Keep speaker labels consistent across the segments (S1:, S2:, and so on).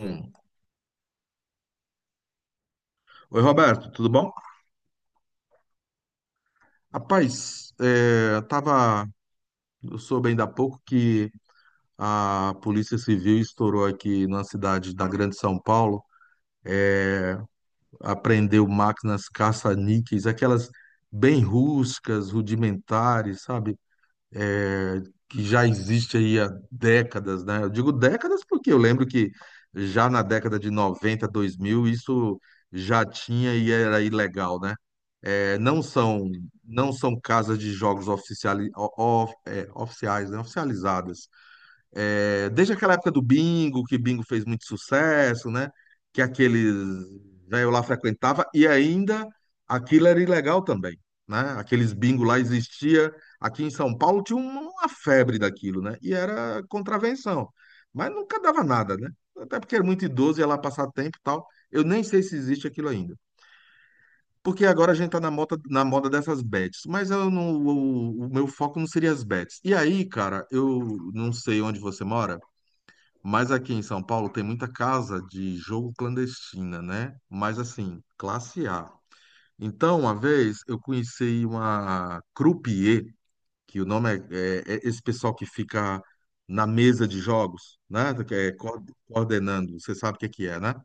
S1: Hum. Oi, Roberto, tudo bom? Rapaz, tava, eu soube ainda há pouco que a Polícia Civil estourou aqui na cidade da Grande São Paulo, apreendeu máquinas caça-níqueis, aquelas bem rústicas, rudimentares, sabe? É, que já existe aí há décadas, né? Eu digo décadas porque eu lembro que já na década de 90 2000 isso já tinha e era ilegal, né? É, não são não são casas de jogos oficiali, o- of- é, oficiais, né, oficializadas. Desde aquela época do bingo, que bingo fez muito sucesso, né? Que aqueles velho lá frequentava e ainda aquilo era ilegal também, né? Aqueles bingo lá existia aqui em São Paulo tinha uma febre daquilo, né? E era contravenção, mas nunca dava nada, né? Até porque era muito idoso ia lá passar tempo e tal. Eu nem sei se existe aquilo ainda. Porque agora a gente tá na moda dessas bets, mas eu não, o meu foco não seria as bets. E aí, cara, eu não sei onde você mora, mas aqui em São Paulo tem muita casa de jogo clandestina, né? Mas assim, classe A. Então, uma vez eu conheci uma croupier, que o nome é esse pessoal que fica na mesa de jogos, né? Que é coordenando, você sabe o que que é, né?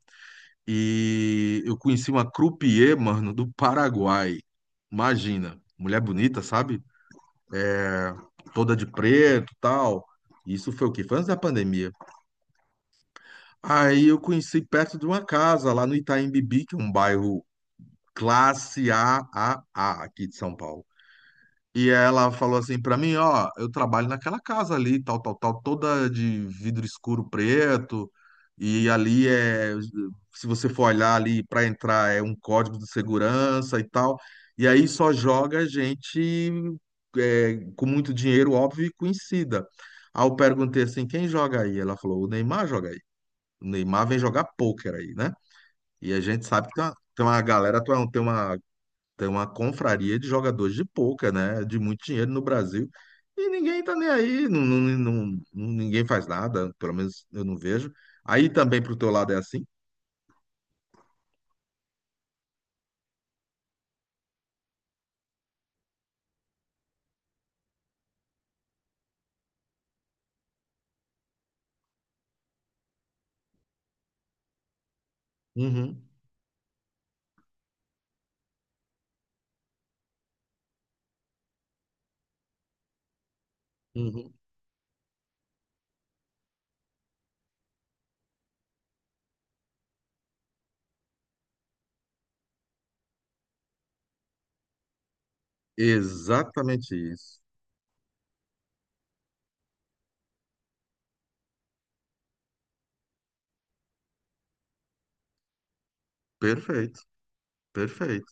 S1: E eu conheci uma croupier, mano, do Paraguai. Imagina, mulher bonita, sabe? Toda de preto, tal. Isso foi o quê? Foi antes da pandemia. Aí eu conheci perto de uma casa, lá no Itaim Bibi, que é um bairro classe AAA aqui de São Paulo. E ela falou assim pra mim, ó, eu trabalho naquela casa ali, tal, tal, tal, toda de vidro escuro preto, e ali, se você for olhar ali pra entrar é um código de segurança e tal, e aí só joga gente, com muito dinheiro, óbvio, e conhecida. Aí eu perguntei assim, quem joga aí? Ela falou, o Neymar joga aí. O Neymar vem jogar pôquer aí, né? E a gente sabe que tem uma galera, tem uma tem uma confraria de jogadores de pôquer, né? De muito dinheiro no Brasil. E ninguém tá nem aí, ninguém faz nada, pelo menos eu não vejo. Aí também pro teu lado é assim? Uhum, uhum. Exatamente isso. Perfeito, perfeito.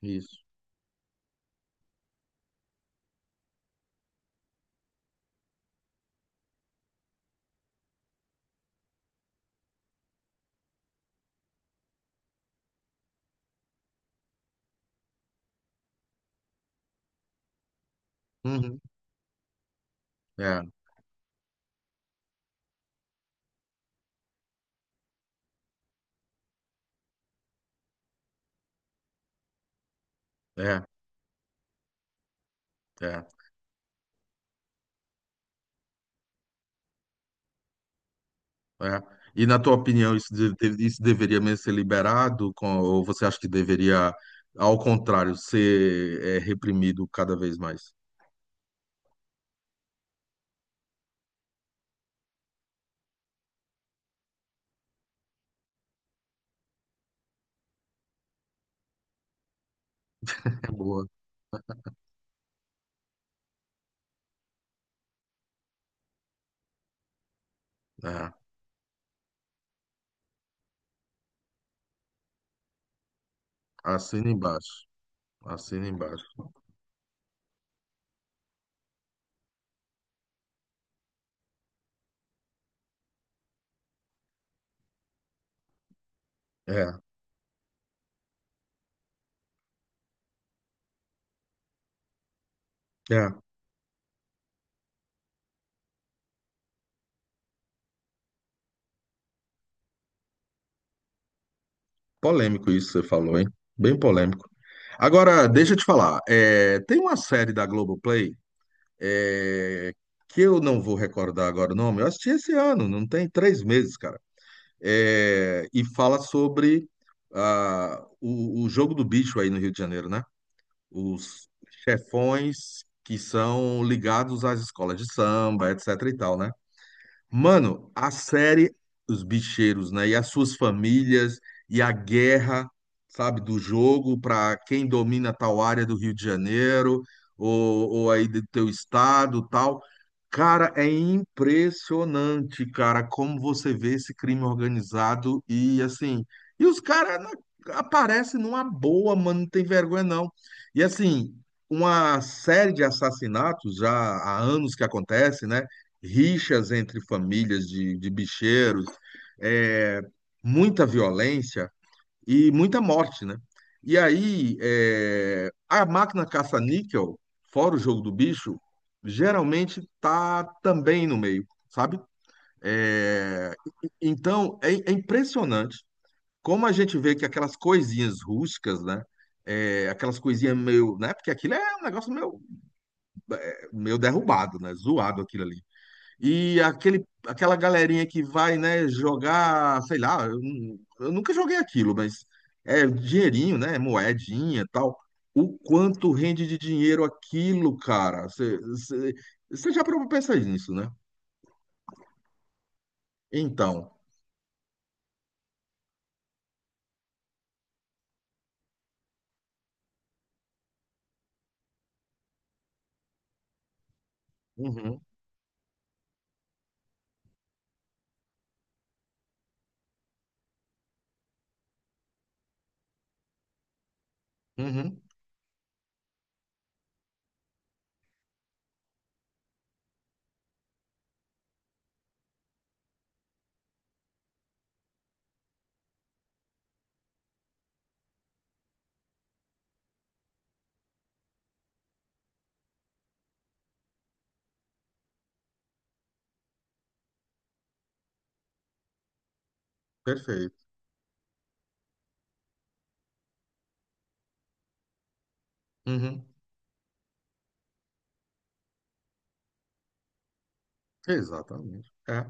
S1: Isso. Uhum. É, é, é, é. E na tua opinião, isso, isso deveria mesmo ser liberado? Ou você acha que deveria, ao contrário, ser reprimido cada vez mais? É boa. É. Assina embaixo. Assina embaixo. É, é. Polêmico isso que você falou, hein? Bem polêmico. Agora, deixa eu te falar. Tem uma série da Globoplay, é, que eu não vou recordar agora o nome. Eu assisti esse ano, não tem 3 meses, cara. E fala sobre o jogo do bicho aí no Rio de Janeiro, né? Os chefões que são ligados às escolas de samba, etc e tal, né? Mano, a série Os Bicheiros, né? E as suas famílias, e a guerra, sabe, do jogo para quem domina tal área do Rio de Janeiro, ou aí do teu estado, tal. Cara, é impressionante, cara, como você vê esse crime organizado e assim. E os caras aparecem numa boa, mano, não tem vergonha não. E assim, uma série de assassinatos já há anos que acontece, né? Rixas entre famílias de bicheiros, é, muita violência e muita morte, né? E aí, a máquina caça-níquel, fora o jogo do bicho, geralmente tá também no meio, sabe? É, então, é impressionante como a gente vê que aquelas coisinhas rústicas, né? Aquelas coisinhas meio, né? Porque aquilo é um negócio meio, meio derrubado, né? Zoado aquilo ali. E aquela galerinha que vai, né, jogar, sei lá, eu nunca joguei aquilo, mas é dinheirinho, né, moedinha e tal. O quanto rende de dinheiro aquilo, cara? Você já parou pra pensar nisso, né? Então, uhum, uhum, perfeito. Uhum, exatamente. É.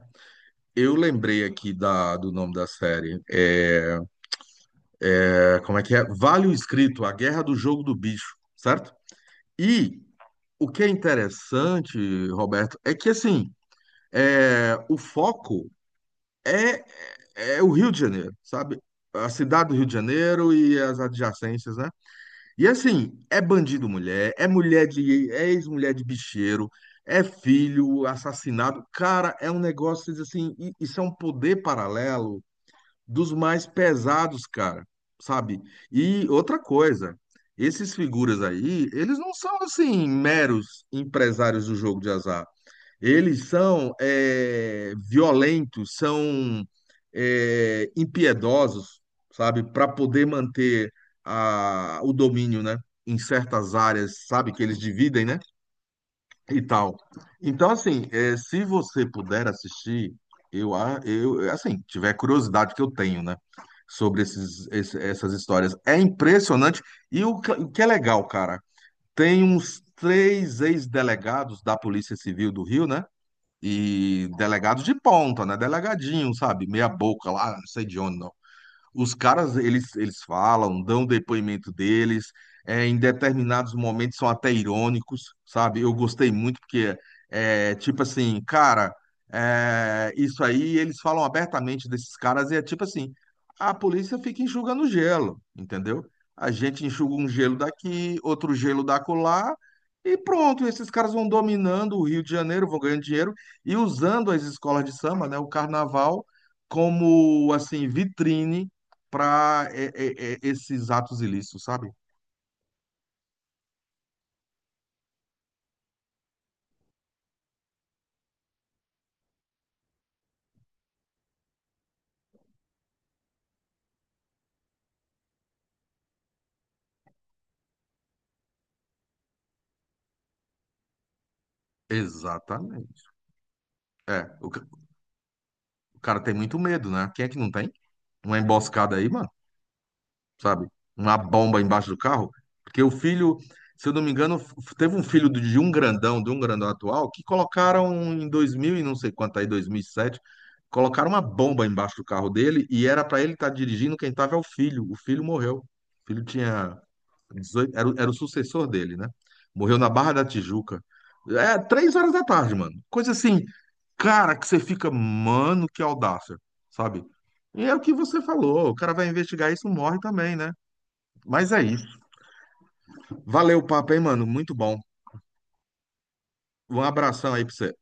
S1: Eu lembrei aqui do nome da série. Como é que é? Vale o Escrito, A Guerra do Jogo do Bicho, certo? E o que é interessante, Roberto, é que assim, o foco é, é o Rio de Janeiro, sabe? A cidade do Rio de Janeiro e as adjacências, né? E assim, é bandido mulher, é ex-mulher de bicheiro, é filho assassinado. Cara, é um negócio vocês dizem assim, isso é um poder paralelo dos mais pesados, cara, sabe? E outra coisa, esses figuras aí, eles não são assim meros empresários do jogo de azar. Eles são violentos, são impiedosos, sabe? Para poder manter o domínio, né? Em certas áreas, sabe? Que eles dividem, né? E tal. Então, assim, se você puder assistir, eu, assim, tiver curiosidade que eu tenho, né, sobre essas histórias, é impressionante. E o que é legal, cara, tem uns três ex-delegados da Polícia Civil do Rio, né, e delegados de ponta, né, delegadinho, sabe, meia boca lá, não sei de onde, não. Os caras, eles falam, dão o depoimento deles, em determinados momentos são até irônicos, sabe? Eu gostei muito porque, tipo assim, cara, isso aí eles falam abertamente desses caras e é tipo assim, a polícia fica enxugando gelo, entendeu? A gente enxuga um gelo daqui, outro gelo da colar e pronto, esses caras vão dominando o Rio de Janeiro, vão ganhando dinheiro e usando as escolas de samba, né, o carnaval, como, assim, vitrine para esses atos ilícitos, sabe? Exatamente. É, o, ca- o cara tem muito medo, né? Quem é que não tem? Uma emboscada aí, mano, sabe? Uma bomba embaixo do carro. Porque o filho, se eu não me engano, teve um filho de um grandão, atual, que colocaram em 2000 e não sei quanto aí, 2007, colocaram uma bomba embaixo do carro dele e era pra ele estar dirigindo, quem tava é o filho. O filho morreu. O filho tinha 18 era o sucessor dele, né? Morreu na Barra da Tijuca. 3 horas da tarde, mano. Coisa assim, cara, que você fica, mano, que audácia, sabe? E é o que você falou, o cara vai investigar isso, morre também, né? Mas é isso. Valeu o papo, hein, mano? Muito bom. Um abração aí pra você.